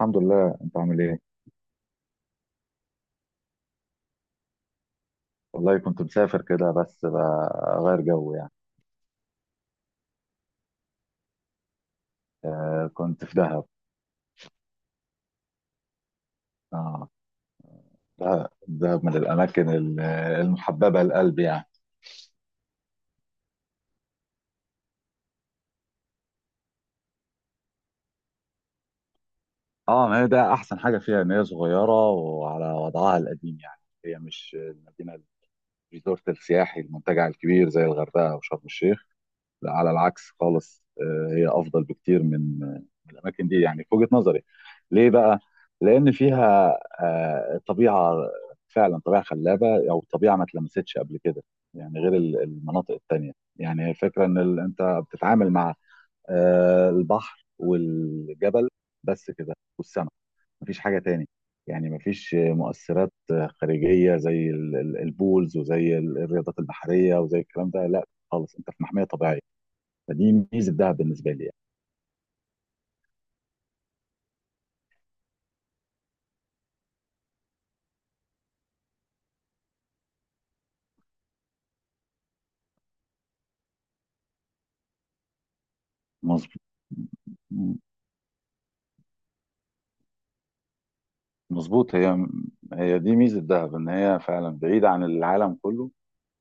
الحمد لله، انت عامل ايه؟ والله كنت مسافر كده، بس بغير جو يعني. آه، كنت في دهب. اه. دهب، دهب من الاماكن المحببه للقلب يعني. اه، ما هي ده احسن حاجه فيها ان هي صغيره وعلى وضعها القديم، يعني هي مش المدينه الريزورت السياحي، المنتجع الكبير زي الغردقه وشرم الشيخ. لا، على العكس خالص. هي افضل بكتير من الاماكن دي يعني، في وجهة نظري. ليه بقى؟ لان فيها طبيعة، فعلا طبيعة خلابة، او طبيعة ما اتلمستش قبل كده. يعني غير المناطق التانية. يعني هي الفكرة ان انت بتتعامل مع البحر والجبل، بس كده، والسماء. مفيش حاجة تاني، يعني مفيش مؤثرات خارجية زي البولز، وزي الرياضات البحرية، وزي الكلام ده. لا خالص، انت في محمية طبيعية. فدي ميزه الذهب بالنسبه لي يعني. مظبوط. مظبوط. هي دي ميزة دهب، ان هي فعلا بعيدة عن العالم كله.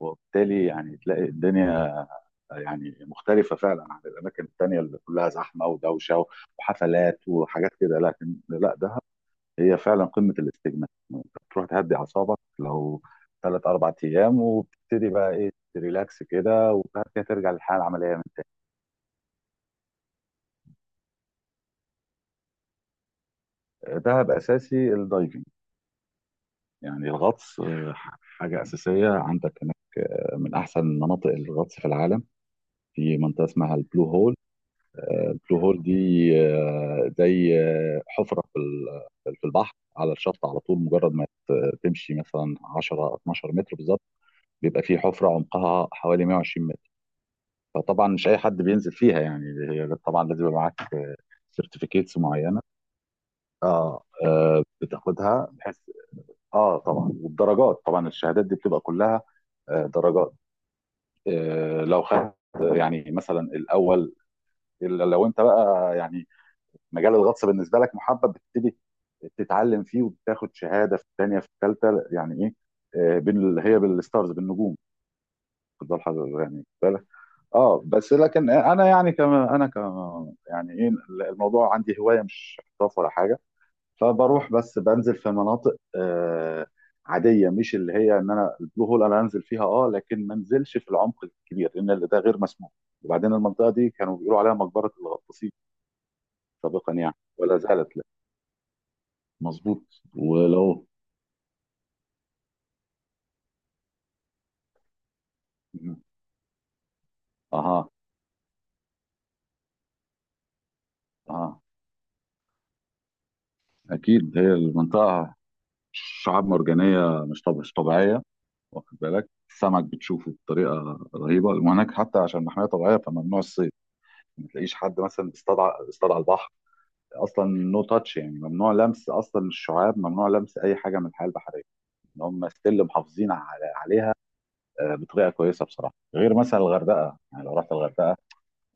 وبالتالي يعني تلاقي الدنيا يعني مختلفة فعلا عن الأماكن التانية اللي كلها زحمة ودوشة وحفلات وحاجات كده. لكن لا، دهب هي فعلا قمة الاستجمام. أنت بتروح تهدي أعصابك لو ثلاث أربع أيام، وبتبتدي بقى إيه، تريلاكس كده، وبعد كده ترجع للحياة العملية. من تاني، دهب أساسي الدايفنج، يعني الغطس. حاجة أساسية عندك هناك، من أحسن مناطق الغطس في العالم. في منطقة اسمها البلو هول. البلو هول دي زي حفرة في في البحر، على الشط على طول مجرد ما تمشي مثلا 10 12 متر بالظبط، بيبقى في حفرة عمقها حوالي 120 متر. فطبعا مش أي حد بينزل فيها يعني. هي طبعا لازم يبقى معاك سيرتيفيكيتس معينة. اه، بتاخدها بحيث. اه طبعا، والدرجات طبعا، الشهادات دي بتبقى كلها درجات. لو خدت، يعني مثلا الاول، إلا لو انت بقى يعني مجال الغطس بالنسبه لك محبب، بتبتدي تتعلم فيه وبتاخد شهاده في الثانيه، في الثالثه، يعني ايه، بين هي بالستارز، بالنجوم. تفضل حضرتك يعني، خد بالك. اه، بس لكن انا يعني، كما انا كما يعني ايه، الموضوع عندي هوايه مش احتراف ولا حاجه. فبروح بس بنزل في مناطق عاديه، مش اللي هي ان انا البلو هول انا انزل فيها، اه، لكن ما انزلش في العمق الكبير لان ده غير مسموح. وبعدين المنطقه دي كانوا بيقولوا عليها مقبره الغطاسين سابقا، يعني ولا زالت لا. مظبوط ولو. اها، اها، اكيد. هي المنطقه شعاب مرجانيه مش طبيعيه، واخد بالك؟ السمك بتشوفه بطريقه رهيبه، وهناك حتى عشان محميه طبيعيه، فممنوع الصيد. ما تلاقيش حد مثلا بيصطاد على البحر، اصلا نو تاتش، يعني ممنوع لمس اصلا الشعاب، ممنوع لمس اي حاجه من الحياه البحريه. ان هم ستيل محافظين عليها بطريقه كويسه بصراحه. غير مثلا الغردقه، يعني لو رحت الغردقه،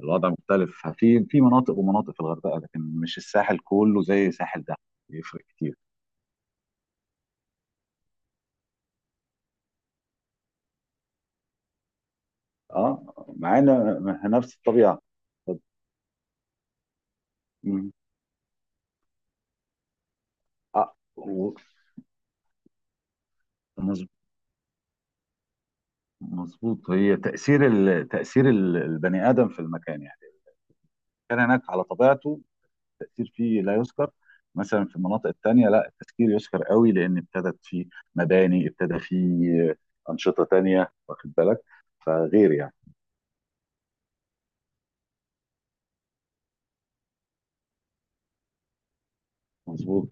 الوضع مختلف، في مناطق ومناطق في الغردقه، لكن مش الساحل كله زي ساحل ده، يفرق كتير. اه، معانا نفس الطبيعه. طب- مم. اه، مظ- مظبوط. هي تاثير البني ادم في المكان، يعني كان هناك على طبيعته، التأثير فيه لا يذكر. مثلا في المناطق التانية، لا، التسكير يذكر قوي، لأن ابتدت فيه مباني، ابتدى فيه أنشطة تانية، واخد بالك؟ فغير يعني. مظبوط.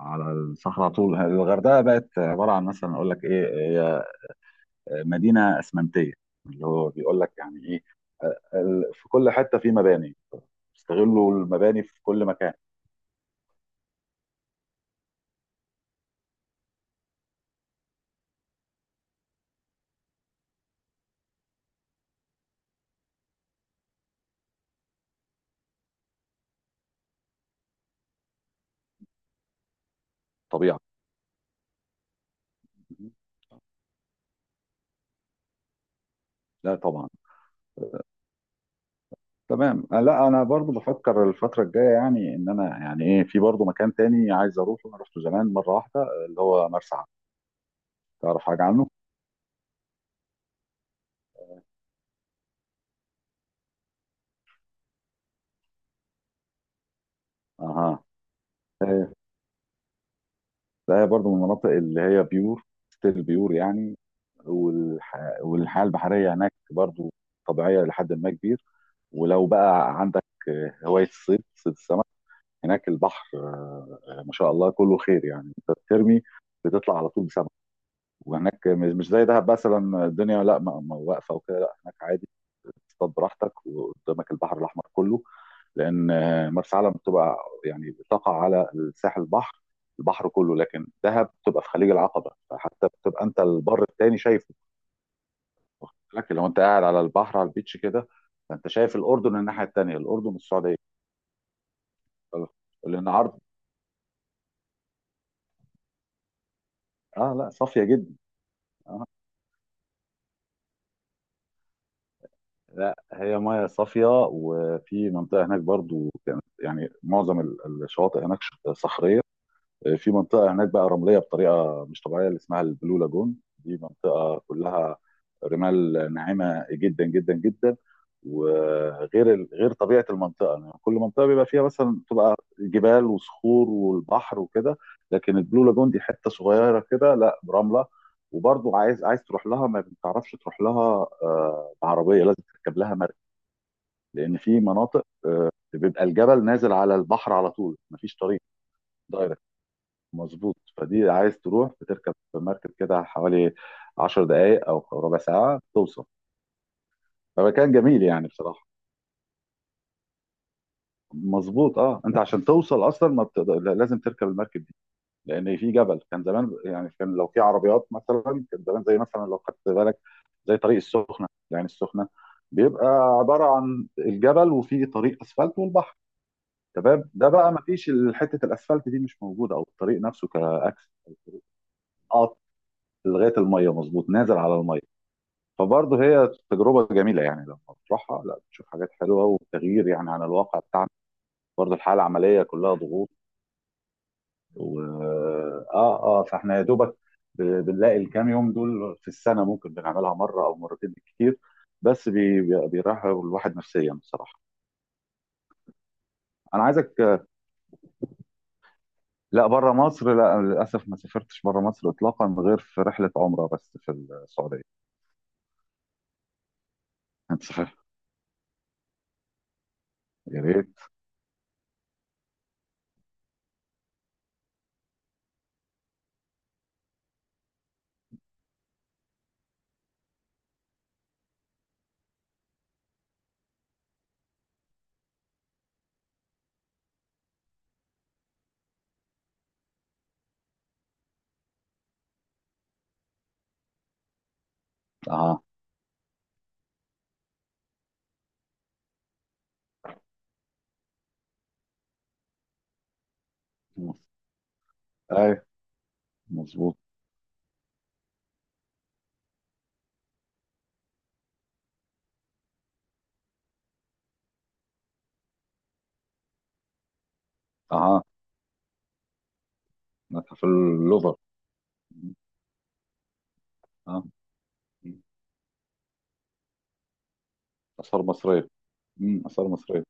على الصحراء على طول. الغردقة بقت عبارة عن، مثلا أقول لك إيه، هي مدينة أسمنتية، اللي هو بيقول لك يعني إيه، في كل حتة في مباني، استغلوا المباني في كل مكان. طبيعة. لا طبعا. تمام. لا، انا برضو بفكر الفتره الجايه، يعني ان انا يعني ايه، في برضو مكان تاني عايز اروحه، انا رحته زمان مره واحده، اللي هو مرسى علم. تعرف حاجه عنه؟ اها. إيه، ده برضو من المناطق اللي هي بيور، ستيل بيور يعني. والح... والحياه البحريه هناك برضو طبيعيه لحد ما كبير. ولو بقى عندك هوايه الصيد، صيد السمك، هناك البحر، ما شاء الله كله خير، يعني انت بترمي بتطلع على طول بسمك. وهناك مش زي دهب مثلا، الدنيا لا، ما واقفه وكده، لا هناك عادي تصطاد براحتك، وقدامك البحر الاحمر كله. لان مرسى علم بتبقى يعني بتقع على الساحل، البحر، البحر كله. لكن دهب بتبقى في خليج العقبه، فحتى بتبقى انت البر التاني شايفه، لكن لو انت قاعد على البحر على البيتش كده، فانت شايف الاردن، الناحيه التانيه، الاردن والسعوديه. لان عرض. اه، لا صافيه جدا. اه، لا هي ميه صافيه. وفي منطقه هناك برضو كانت يعني، معظم الشواطئ هناك صخريه، في منطقه هناك بقى رمليه بطريقه مش طبيعيه، اللي اسمها البلو لاجون، دي منطقه كلها رمال ناعمه جدا جدا جدا. وغير غير طبيعه المنطقه، يعني كل منطقه بيبقى فيها مثلا، تبقى جبال وصخور والبحر وكده، لكن البلو لاجون دي حته صغيره كده، لا رمله. وبرضه عايز تروح لها، ما بتعرفش تروح لها بعربيه، لازم تركب لها مركب، لان في مناطق بيبقى الجبل نازل على البحر على طول، مفيش طريق دايركت. مظبوط. فدي عايز تروح، بتركب مركب كده حوالي 10 دقائق او ربع ساعه توصل. فمكان جميل يعني بصراحه. مظبوط. اه، انت عشان توصل اصلا ما بتقدر، لازم تركب المركب دي، لان في جبل. كان زمان يعني، كان لو في عربيات مثلا، كان زمان، زي مثلا لو خدت بالك، زي طريق السخنه، يعني السخنه بيبقى عباره عن الجبل، وفيه طريق اسفلت والبحر. تمام، ده بقى ما فيش، حته الاسفلت دي مش موجوده، او الطريق نفسه كاكس، قط لغايه الميه، مظبوط، نازل على الميه. فبرضه هي تجربة جميلة يعني لما بتروحها، لا بتشوف حاجات حلوة وتغيير يعني عن الواقع بتاعنا، برضه الحالة العملية كلها ضغوط. و اه، اه، فاحنا يا دوبك بنلاقي الكام يوم دول في السنة، ممكن بنعملها مرة أو مرتين بالكتير، بس بيريح الواحد نفسيا بصراحة. أنا عايزك. لا بره مصر، لا للأسف ما سافرتش بره مصر إطلاقا، غير في رحلة عمرة بس في السعودية. أنت صحيح. يا ريت. أها. أي. مظبوط. أها. متحف اللوفر. مم. آثار مصرية. آثار مصرية.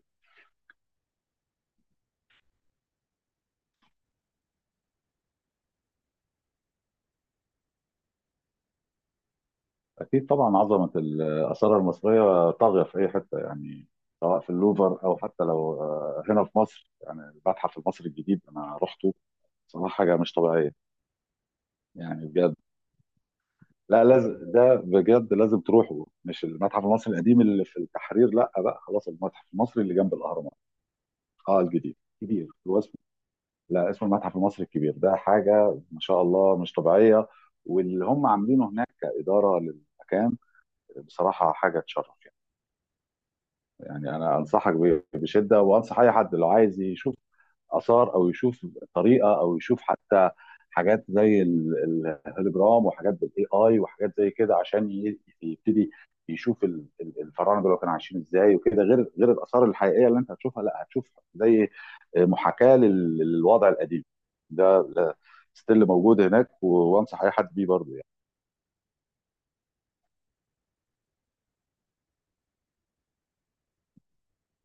أكيد طبعا، عظمة الآثار المصرية طاغية في أي حتة، يعني سواء في اللوفر أو حتى لو هنا في مصر، يعني المتحف المصري الجديد أنا رحته، صراحة حاجة مش طبيعية يعني، بجد. لا لازم، ده بجد لازم تروحوا، مش المتحف المصري القديم اللي في التحرير، لا بقى خلاص، المتحف المصري اللي جنب الأهرامات. اه، الجديد. كبير، هو اسمه، لا، اسمه المتحف المصري الكبير، ده حاجة ما شاء الله مش طبيعية. واللي هم عاملينه هناك كإدارة للمكان، بصراحه حاجه تشرف يعني. يعني انا انصحك بشده، وانصح اي حد لو عايز يشوف اثار، او يشوف طريقه، او يشوف حتى حاجات زي الهولوجرام، وحاجات بالاي اي، وحاجات زي كده، عشان يبتدي يشوف الفراعنه دول كانوا عايشين ازاي وكده، غير الاثار الحقيقيه اللي انت هتشوفها، لا هتشوف زي محاكاه للوضع القديم ده، ستيل موجود هناك. وانصح اي حد بيه برضه يعني.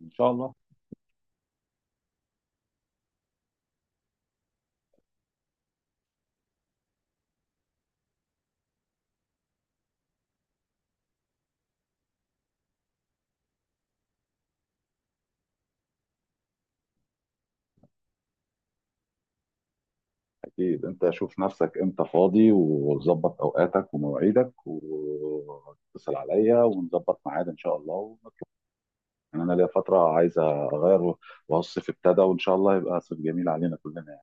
ان شاء الله. أكيد، أنت شوف نفسك إمتى فاضي، وظبط أوقاتك ومواعيدك، واتصل عليا ونظبط ميعاد إن شاء الله ونطلع. يعني أنا ليا فترة عايز أغير، وهو الصيف ابتدى، وإن شاء الله يبقى صيف جميل علينا كلنا يعني.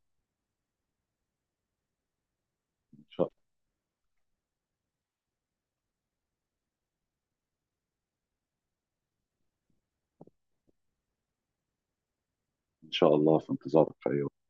إن شاء إن شاء الله، في انتظارك في أي وقت.